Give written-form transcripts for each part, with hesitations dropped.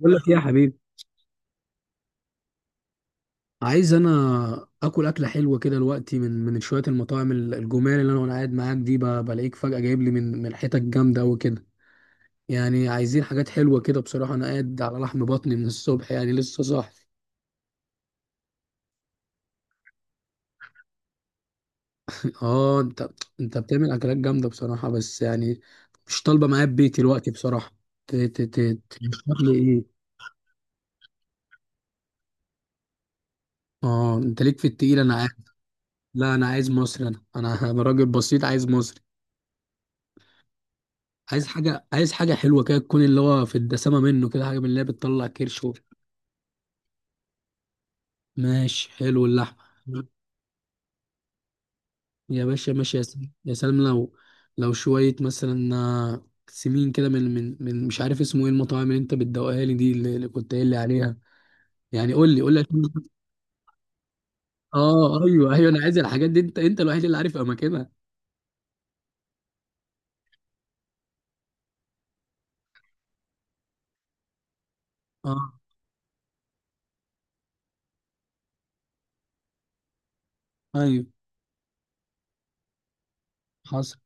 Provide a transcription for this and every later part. بقول لك إيه يا حبيبي؟ عايز انا اكل اكله حلوه كده دلوقتي من شويه المطاعم الجمال اللي انا وانا قاعد معاك دي، بلاقيك فجاه جايب لي من حتت جامده قوي كده. يعني عايزين حاجات حلوه كده بصراحه، انا قاعد على لحم بطني من الصبح، يعني لسه صاحي. اه انت، انت بتعمل اكلات جامده بصراحه، بس يعني مش طالبه معايا ببيتي دلوقتي بصراحه. ترشح لي ايه؟ اه انت ليك في التقيل انا عارف. لا انا عايز مصري، انا أنا راجل بسيط عايز مصري. عايز حاجة، عايز حاجة حلوة كده تكون اللي هو في الدسامة منه، كده حاجة من اللي هي بتطلع كرش ماشي، حلو اللحمة. يا باشا ماشي، يا سلام يا سلام، لو شوية مثلا آه، سمين كده من مش عارف اسمه ايه، المطاعم اللي انت بتدوقها لي دي اللي كنت قايل لي عليها. يعني قول لي اه ايوه ايوه، انا عايز الحاجات دي، انت الوحيد اللي عارف اماكنها. اه، ايوه، حصل.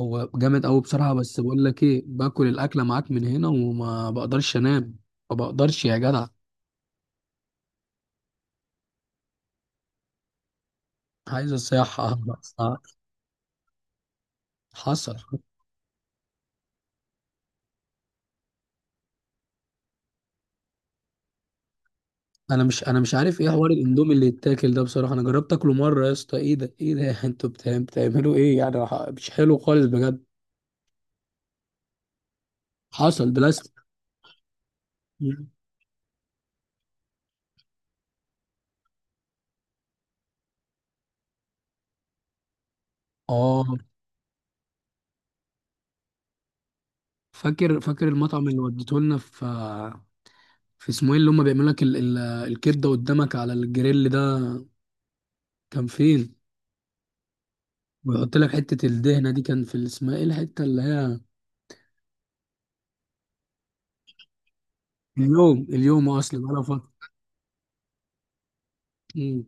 هو جامد قوي بصراحة، بس بقول لك ايه، باكل الاكلة معاك من هنا وما بقدرش انام، ما بقدرش يا جدع. عايز الصياحة. حصل. انا مش عارف ايه حوار الاندومي اللي يتاكل ده بصراحة، انا جربت اكله مرة يا اسطى، ايه ده ايه ده؟ انتوا بتعملوا ايه يعني؟ مش حلو خالص بجد. حصل، بلاستيك. اه، فاكر، فاكر المطعم اللي وديته لنا في، في اسمه ايه اللي هم بيعملوا لك الكبدة قدامك على الجريل ده؟ كان فين؟ ويحط لك حتة الدهنة دي، كان في اسمها ايه الحتة اللي هي؟ اليوم، اليوم اصلا بقى فترة.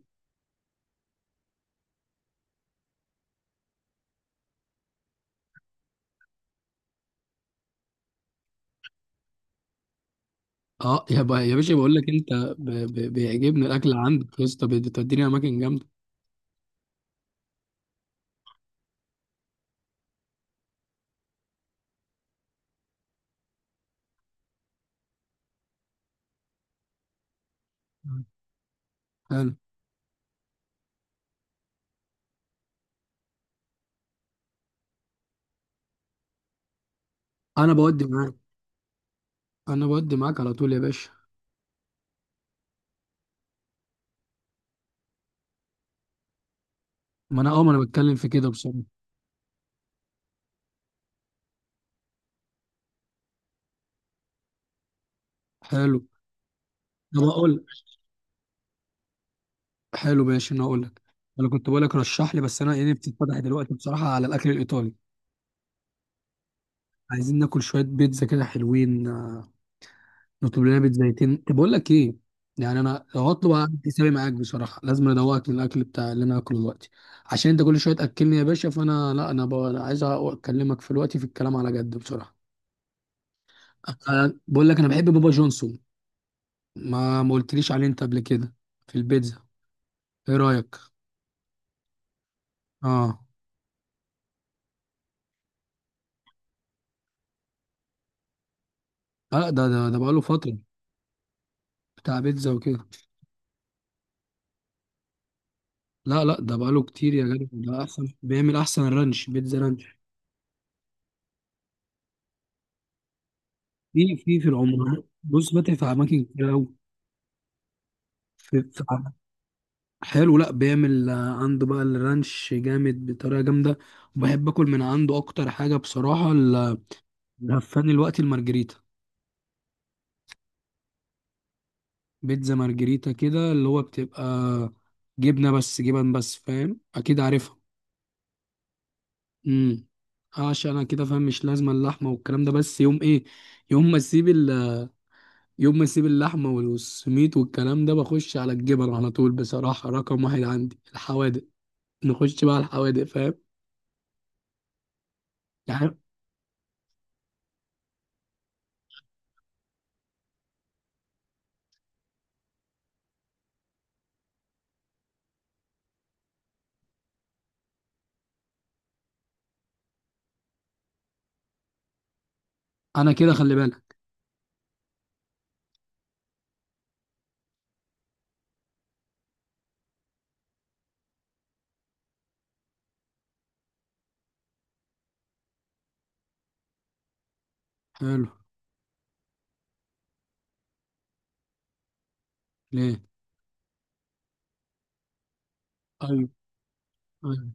اه يا يا باشا بقول لك انت، بيعجبني الاكل عندك يا اسطى، بتوديني اماكن جامده. حلو. انا بودي معاك، انا بودي معاك على طول يا باشا. ما انا اه، ما انا بتكلم في كده بصراحه. حلو. انا بقول، حلو، ماشي انا اقول لك. انا كنت بقول لك رشح لي، بس انا ايه، بتتفتح دلوقتي بصراحه على الاكل الايطالي. عايزين ناكل شويه بيتزا كده حلوين آه، نطلب لنا بيت زيتين. طب بقول لك ايه، يعني انا لو هطلب هعمل حسابي معاك بصراحه، لازم ادوقك من الاكل بتاع اللي انا هاكله دلوقتي، عشان انت كل شويه تاكلني يا باشا. فانا لا، انا بقى أنا عايز اكلمك في الوقت، في الكلام على جد بصراحه. أنا بقول لك انا بحب بابا جونسون. ما ما قلتليش عليه انت قبل كده؟ في البيتزا؟ ايه رايك؟ اه. لا ده بقاله فتره، بتاع بيتزا وكده. لا لا، ده بقاله كتير يا جدع. ده احسن، بيعمل احسن رانش، بيتزا رانش. في العمر بص، فاتح في اماكن كتير قوي. في، في حلو. لا، بيعمل آه، عنده بقى الرانش جامد بطريقة جامدة. وبحب اكل من عنده اكتر حاجة بصراحة الهفان الوقت المارجريتا، بيتزا مارجريتا كده اللي هو بتبقى جبنة بس، جبن بس، فاهم، اكيد عارفها. امم. عشان انا كده فاهم، مش لازمة اللحمة والكلام ده. بس يوم ايه؟ يوم ما اسيب ال... يوم ما اسيب اللحمة والسميت والكلام ده، بخش على الجبن على طول بصراحة. رقم واحد عندي الحوادق، نخش بقى على الحوادق، فاهم؟ يعني انا كده، خلي بالك. حلو. ليه؟ ايوه، ايوه.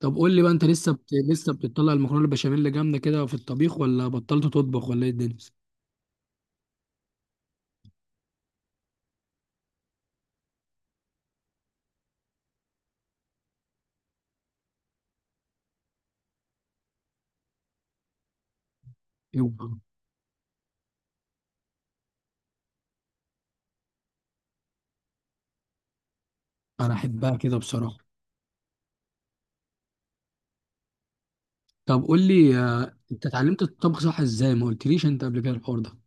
طب قول لي بقى، انت لسه لسه بتطلع المكرونه البشاميل جامده كده في الطبيخ، ولا بطلت تطبخ، ولا ايه الدنيا؟ ايوه. انا احبها كده بصراحه. طب قول لي آه، انت اتعلمت الطبخ صح ازاي؟ ما قلتليش انت قبل كده الحوار ده.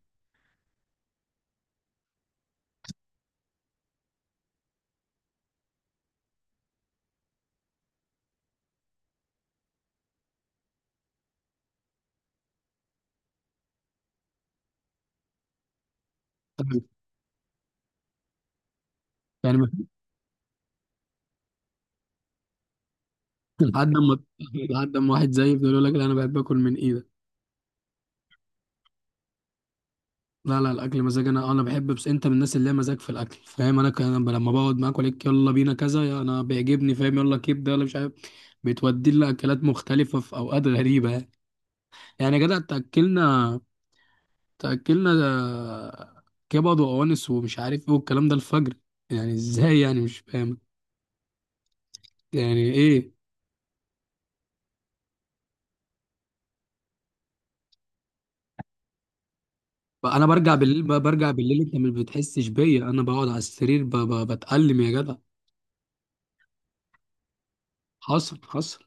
طب. يعني ما- لحد اما، لحد اما واحد زيي بيقول، يقول لك لا انا بحب اكل من ايدك. لا لا، الاكل مزاج، انا بحب، بس انت من الناس اللي هي مزاج في الاكل فاهم. انا كان أنا لما بقعد معاك اقول يلا بينا كذا، يا انا بيعجبني فاهم، يلا كبده ولا مش عارف، بتودي لي اكلات مختلفه في اوقات غريبه يعني. يعني يا جدع، تأكلنا ده كبد وأوانس ومش عارف ايه والكلام ده الفجر، يعني ازاي يعني؟ مش فاهم يعني ايه. بقى انا برجع بالليل، بقى برجع بالليل انت ما بتحسش بيا، انا بقعد على السرير بتألم يا جدع. حصل، حصل.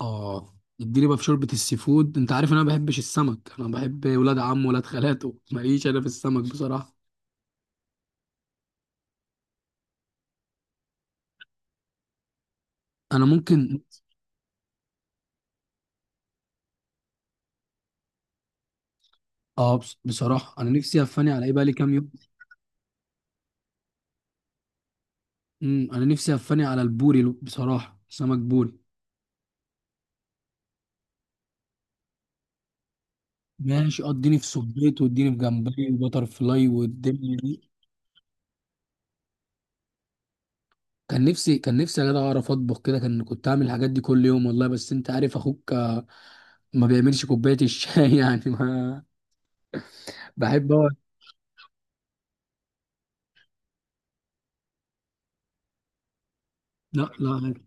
اه، اديني بقى في شوربة السي فود، انت عارف انا ما بحبش السمك، انا بحب ولاد عم ولاد خالاته ماليش انا في السمك بصراحة. انا ممكن. اه، بصراحة انا نفسي افاني على ايه، بقى لي كام يوم. امم، انا نفسي افاني على البوري بصراحة، سمك بوري. ماشي، اه اديني في صبيط، واديني في جمبري وبتر فلاي والدنيا دي. كان نفسي يا جدع اعرف اطبخ كده، كان كنت اعمل الحاجات دي كل يوم والله، بس انت عارف اخوك ما بيعملش كوبايه الشاي. يعني ما بحب اقعد. لا لا عادي.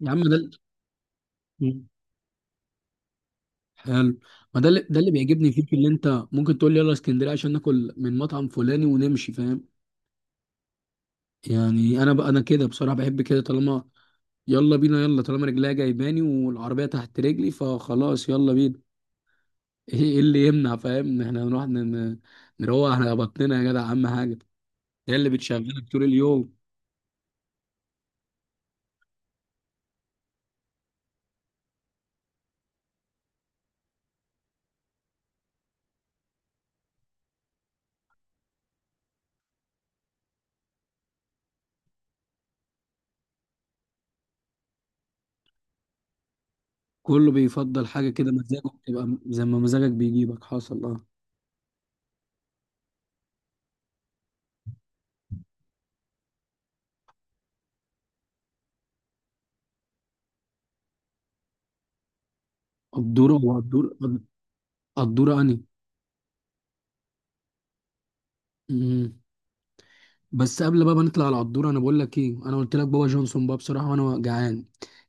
يا عم حلو. ما ده اللي، ده اللي بيعجبني فيك، اللي انت ممكن تقول لي يلا اسكندريه عشان ناكل من مطعم فلاني ونمشي، فاهم؟ يعني انا بقى، انا كده بصراحه بحب كده، طالما يلا بينا، يلا طالما رجليا جايباني والعربيه تحت رجلي فخلاص يلا بينا. ايه إيه اللي يمنع فاهم ان احنا نروق على بطننا يا جدع، اهم حاجه، هي اللي بتشغلك طول اليوم. كله بيفضل حاجه كده، مزاجه بتبقى زي ما مزاجك بيجيبك، حصل، اه. قدوره هو قدور، قدوره اني. أمم. بس قبل بقى ما نطلع على القدوره، انا بقول لك ايه، انا قلت لك بابا جونسون بقى بصراحه، وانا جعان.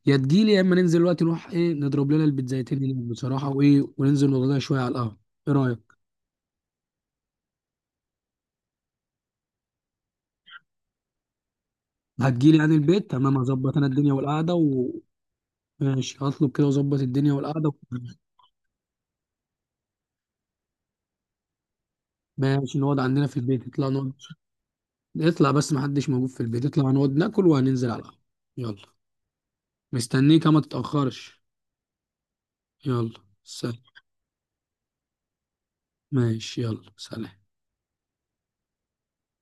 يا تجيلي يا اما ننزل دلوقتي نروح ايه، نضرب لنا البيتزايتين هناك بصراحه وايه، وننزل نقعد لنا شويه على القهوه. ايه رايك؟ هتجيلي يعني البيت؟ تمام، هظبط انا الدنيا والقعده ماشي، هطلب كده واظبط الدنيا والقعده. ماشي، نقعد عندنا في البيت، نطلع نقعد، نطلع بس محدش موجود في البيت، نطلع نقعد ناكل وهننزل على القهوه. يلا، مستنيك، ما تتاخرش. يلا سلام. ماشي، يلا سلام.